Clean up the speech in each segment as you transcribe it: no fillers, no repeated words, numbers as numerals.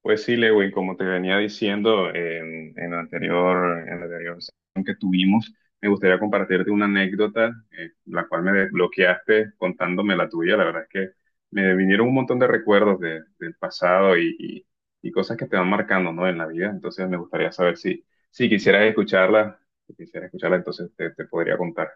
Pues sí, Lewin, como te venía diciendo en la anterior sesión que tuvimos, me gustaría compartirte una anécdota, la cual me desbloqueaste contándome la tuya. La verdad es que me vinieron un montón de recuerdos del pasado y cosas que te van marcando, ¿no? en la vida. Entonces me gustaría saber si quisieras escucharla, entonces te podría contar.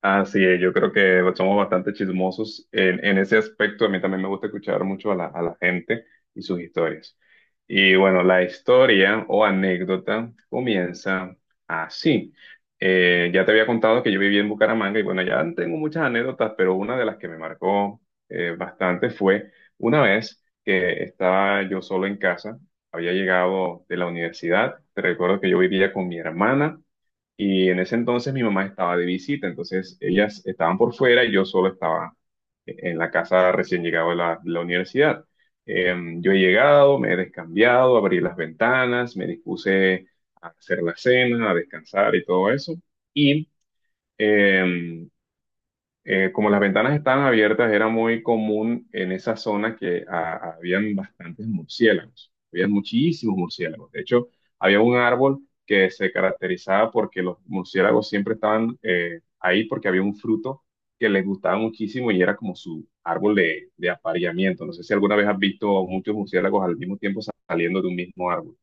Así es, yo creo que somos bastante chismosos en ese aspecto. A mí también me gusta escuchar mucho a la gente y sus historias. Y bueno, la historia o anécdota comienza así. Ya te había contado que yo viví en Bucaramanga y bueno, ya tengo muchas anécdotas, pero una de las que me marcó bastante fue una vez que estaba yo solo en casa, había llegado de la universidad. Te recuerdo que yo vivía con mi hermana y en ese entonces mi mamá estaba de visita, entonces ellas estaban por fuera y yo solo estaba en la casa recién llegado de la universidad. Yo he llegado, me he descambiado, abrí las ventanas, me dispuse a hacer la cena, a descansar y todo eso. Y em, como las ventanas estaban abiertas, era muy común en esa zona que habían bastantes murciélagos, había muchísimos murciélagos. De hecho, había un árbol que se caracterizaba porque los murciélagos siempre estaban ahí porque había un fruto que les gustaba muchísimo y era como su árbol de apareamiento. No sé si alguna vez has visto muchos murciélagos al mismo tiempo saliendo de un mismo árbol.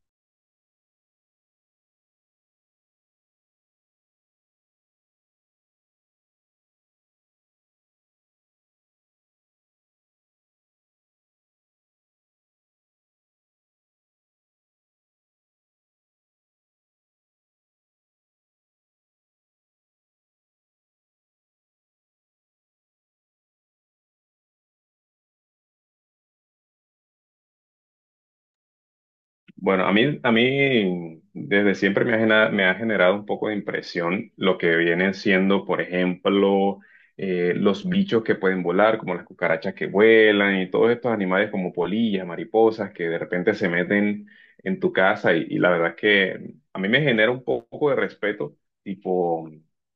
Bueno, a mí desde siempre me ha generado un poco de impresión lo que vienen siendo, por ejemplo, los bichos que pueden volar, como las cucarachas que vuelan y todos estos animales como polillas, mariposas, que de repente se meten en tu casa y la verdad es que a mí me genera un poco de respeto, tipo,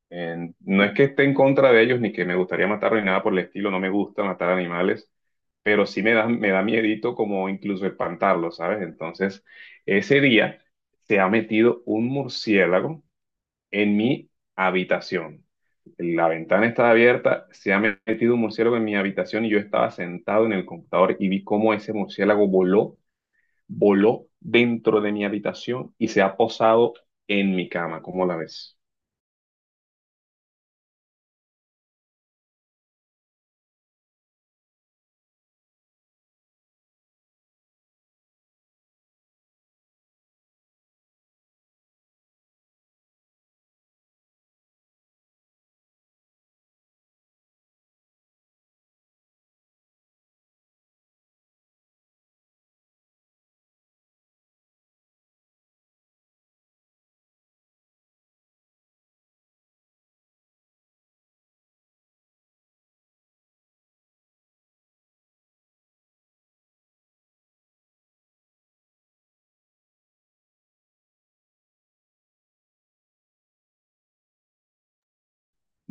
no es que esté en contra de ellos ni que me gustaría matarlos ni nada por el estilo, no me gusta matar animales pero sí me da miedito como incluso espantarlo, ¿sabes? Entonces, ese día se ha metido un murciélago en mi habitación. La ventana estaba abierta, se ha metido un murciélago en mi habitación y yo estaba sentado en el computador y vi cómo ese murciélago voló, voló dentro de mi habitación y se ha posado en mi cama. ¿Cómo la ves?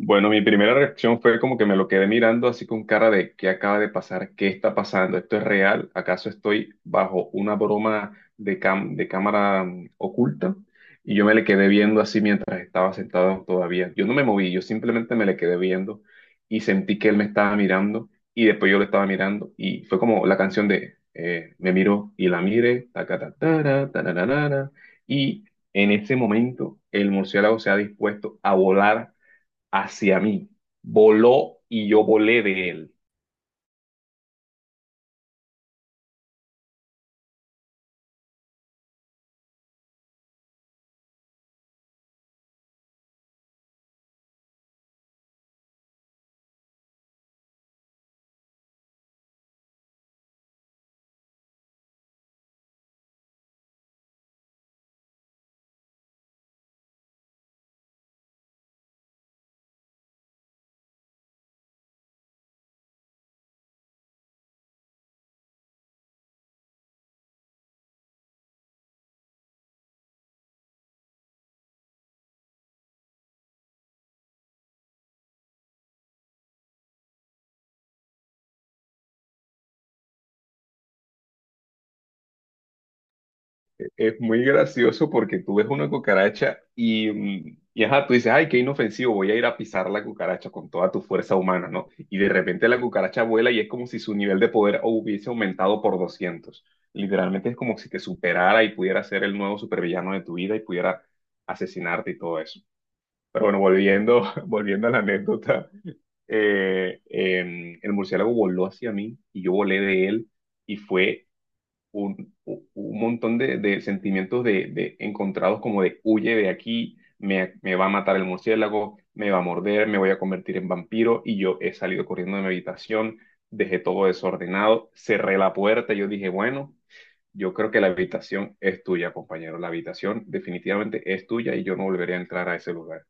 Bueno, mi primera reacción fue como que me lo quedé mirando así con cara de ¿qué acaba de pasar? ¿Qué está pasando? ¿Esto es real? ¿Acaso estoy bajo una broma de cámara oculta? Y yo me le quedé viendo así mientras estaba sentado todavía. Yo no me moví, yo simplemente me le quedé viendo y sentí que él me estaba mirando y después yo lo estaba mirando y fue como la canción de Me miró y la mire, tacatatara, tarararara, y en ese momento el murciélago se ha dispuesto a volar hacia mí, voló y yo volé de él. Es muy gracioso porque tú ves una cucaracha y ajá, tú dices, ay, qué inofensivo, voy a ir a pisar la cucaracha con toda tu fuerza humana, ¿no? Y de repente la cucaracha vuela y es como si su nivel de poder hubiese aumentado por 200. Literalmente es como si te superara y pudiera ser el nuevo supervillano de tu vida y pudiera asesinarte y todo eso. Pero bueno, volviendo, volviendo a la anécdota, el murciélago voló hacia mí y yo volé de él y fue un montón de sentimientos de encontrados como de huye de aquí, me va a matar el murciélago, me va a morder, me voy a convertir en vampiro y yo he salido corriendo de mi habitación, dejé todo desordenado, cerré la puerta y yo dije, bueno. Yo creo que la habitación es tuya, compañero. La habitación definitivamente es tuya y yo no volveré a entrar a ese lugar.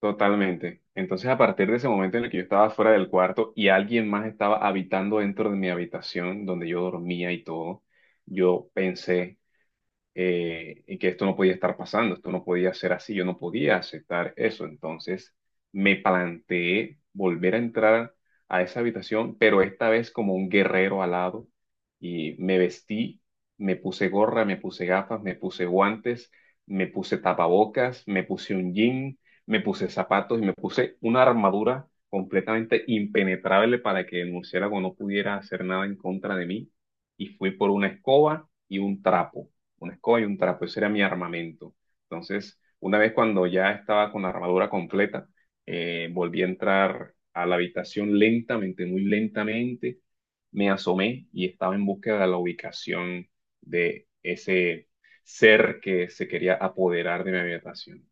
Totalmente. Entonces, a partir de ese momento en el que yo estaba fuera del cuarto y alguien más estaba habitando dentro de mi habitación donde yo dormía y todo, yo pensé y que esto no podía estar pasando, esto no podía ser así, yo no podía aceptar eso. Entonces me planteé volver a entrar a esa habitación, pero esta vez como un guerrero alado y me vestí, me puse gorra, me puse gafas, me puse guantes, me puse tapabocas, me puse un jean, me puse zapatos y me puse una armadura completamente impenetrable para que el murciélago no pudiera hacer nada en contra de mí. Y fui por una escoba y un trapo una escoba y un trapo, ese era mi armamento. Entonces, una vez cuando ya estaba con la armadura completa, volví a entrar a la habitación lentamente, muy lentamente, me asomé y estaba en búsqueda de la ubicación de ese ser que se quería apoderar de mi habitación.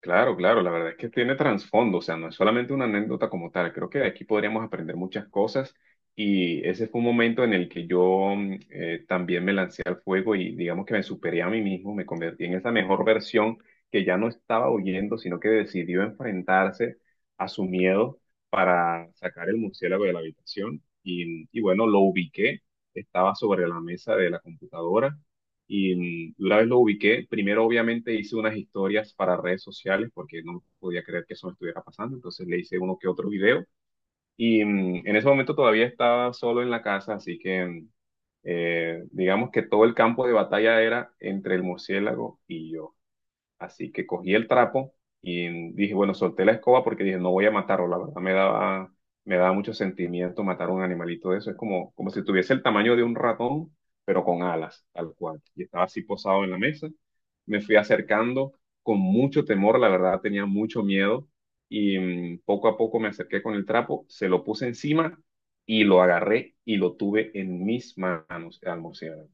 Claro, claro, la verdad es que tiene trasfondo, o sea, no es solamente una anécdota como tal, creo que de aquí podríamos aprender muchas cosas y ese fue un momento en el que yo también me lancé al fuego y digamos que me superé a mí mismo, me convertí en esa mejor versión que ya no estaba huyendo, sino que decidió enfrentarse a su miedo para sacar el murciélago de la habitación y bueno, lo ubiqué, estaba sobre la mesa de la computadora y una vez lo ubiqué, primero obviamente hice unas historias para redes sociales porque no podía creer que eso me estuviera pasando, entonces le hice uno que otro video. Y en ese momento todavía estaba solo en la casa, así que digamos que todo el campo de batalla era entre el murciélago y yo. Así que cogí el trapo y dije, bueno, solté la escoba porque dije, no voy a matarlo. La verdad me daba mucho sentimiento matar a un animalito de eso. Es como si tuviese el tamaño de un ratón, pero con alas, tal cual. Y estaba así posado en la mesa. Me fui acercando con mucho temor, la verdad tenía mucho miedo. Y poco a poco me acerqué con el trapo, se lo puse encima y lo agarré y lo tuve en mis manos al murciélago.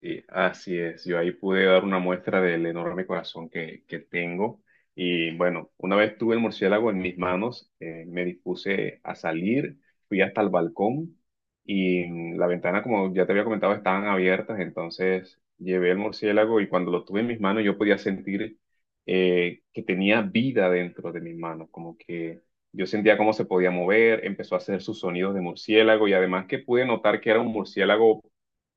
Sí, así es, yo ahí pude dar una muestra del enorme corazón que tengo. Y bueno, una vez tuve el murciélago en mis manos, me dispuse a salir, fui hasta el balcón y la ventana, como ya te había comentado, estaban abiertas, entonces llevé el murciélago y cuando lo tuve en mis manos yo podía sentir que tenía vida dentro de mis manos, como que yo sentía cómo se podía mover, empezó a hacer sus sonidos de murciélago y además que pude notar que era un murciélago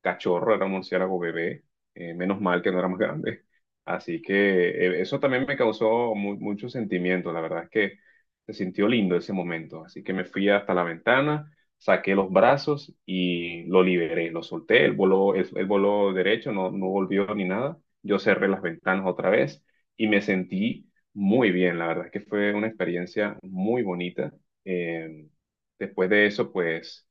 cachorro, era un murciélago bebé, menos mal que no era más grande. Así que eso también me causó mucho sentimiento, la verdad es que se sintió lindo ese momento. Así que me fui hasta la ventana, saqué los brazos y lo liberé, lo solté, él voló, él voló derecho, no, no volvió ni nada. Yo cerré las ventanas otra vez y me sentí muy bien, la verdad es que fue una experiencia muy bonita. Eh, Después de eso, pues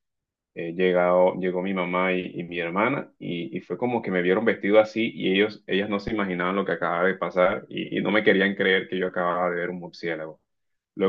llegó mi mamá y mi hermana y fue como que me vieron vestido así y ellas no se imaginaban lo que acababa de pasar y no me querían creer que yo acababa de ver un murciélago.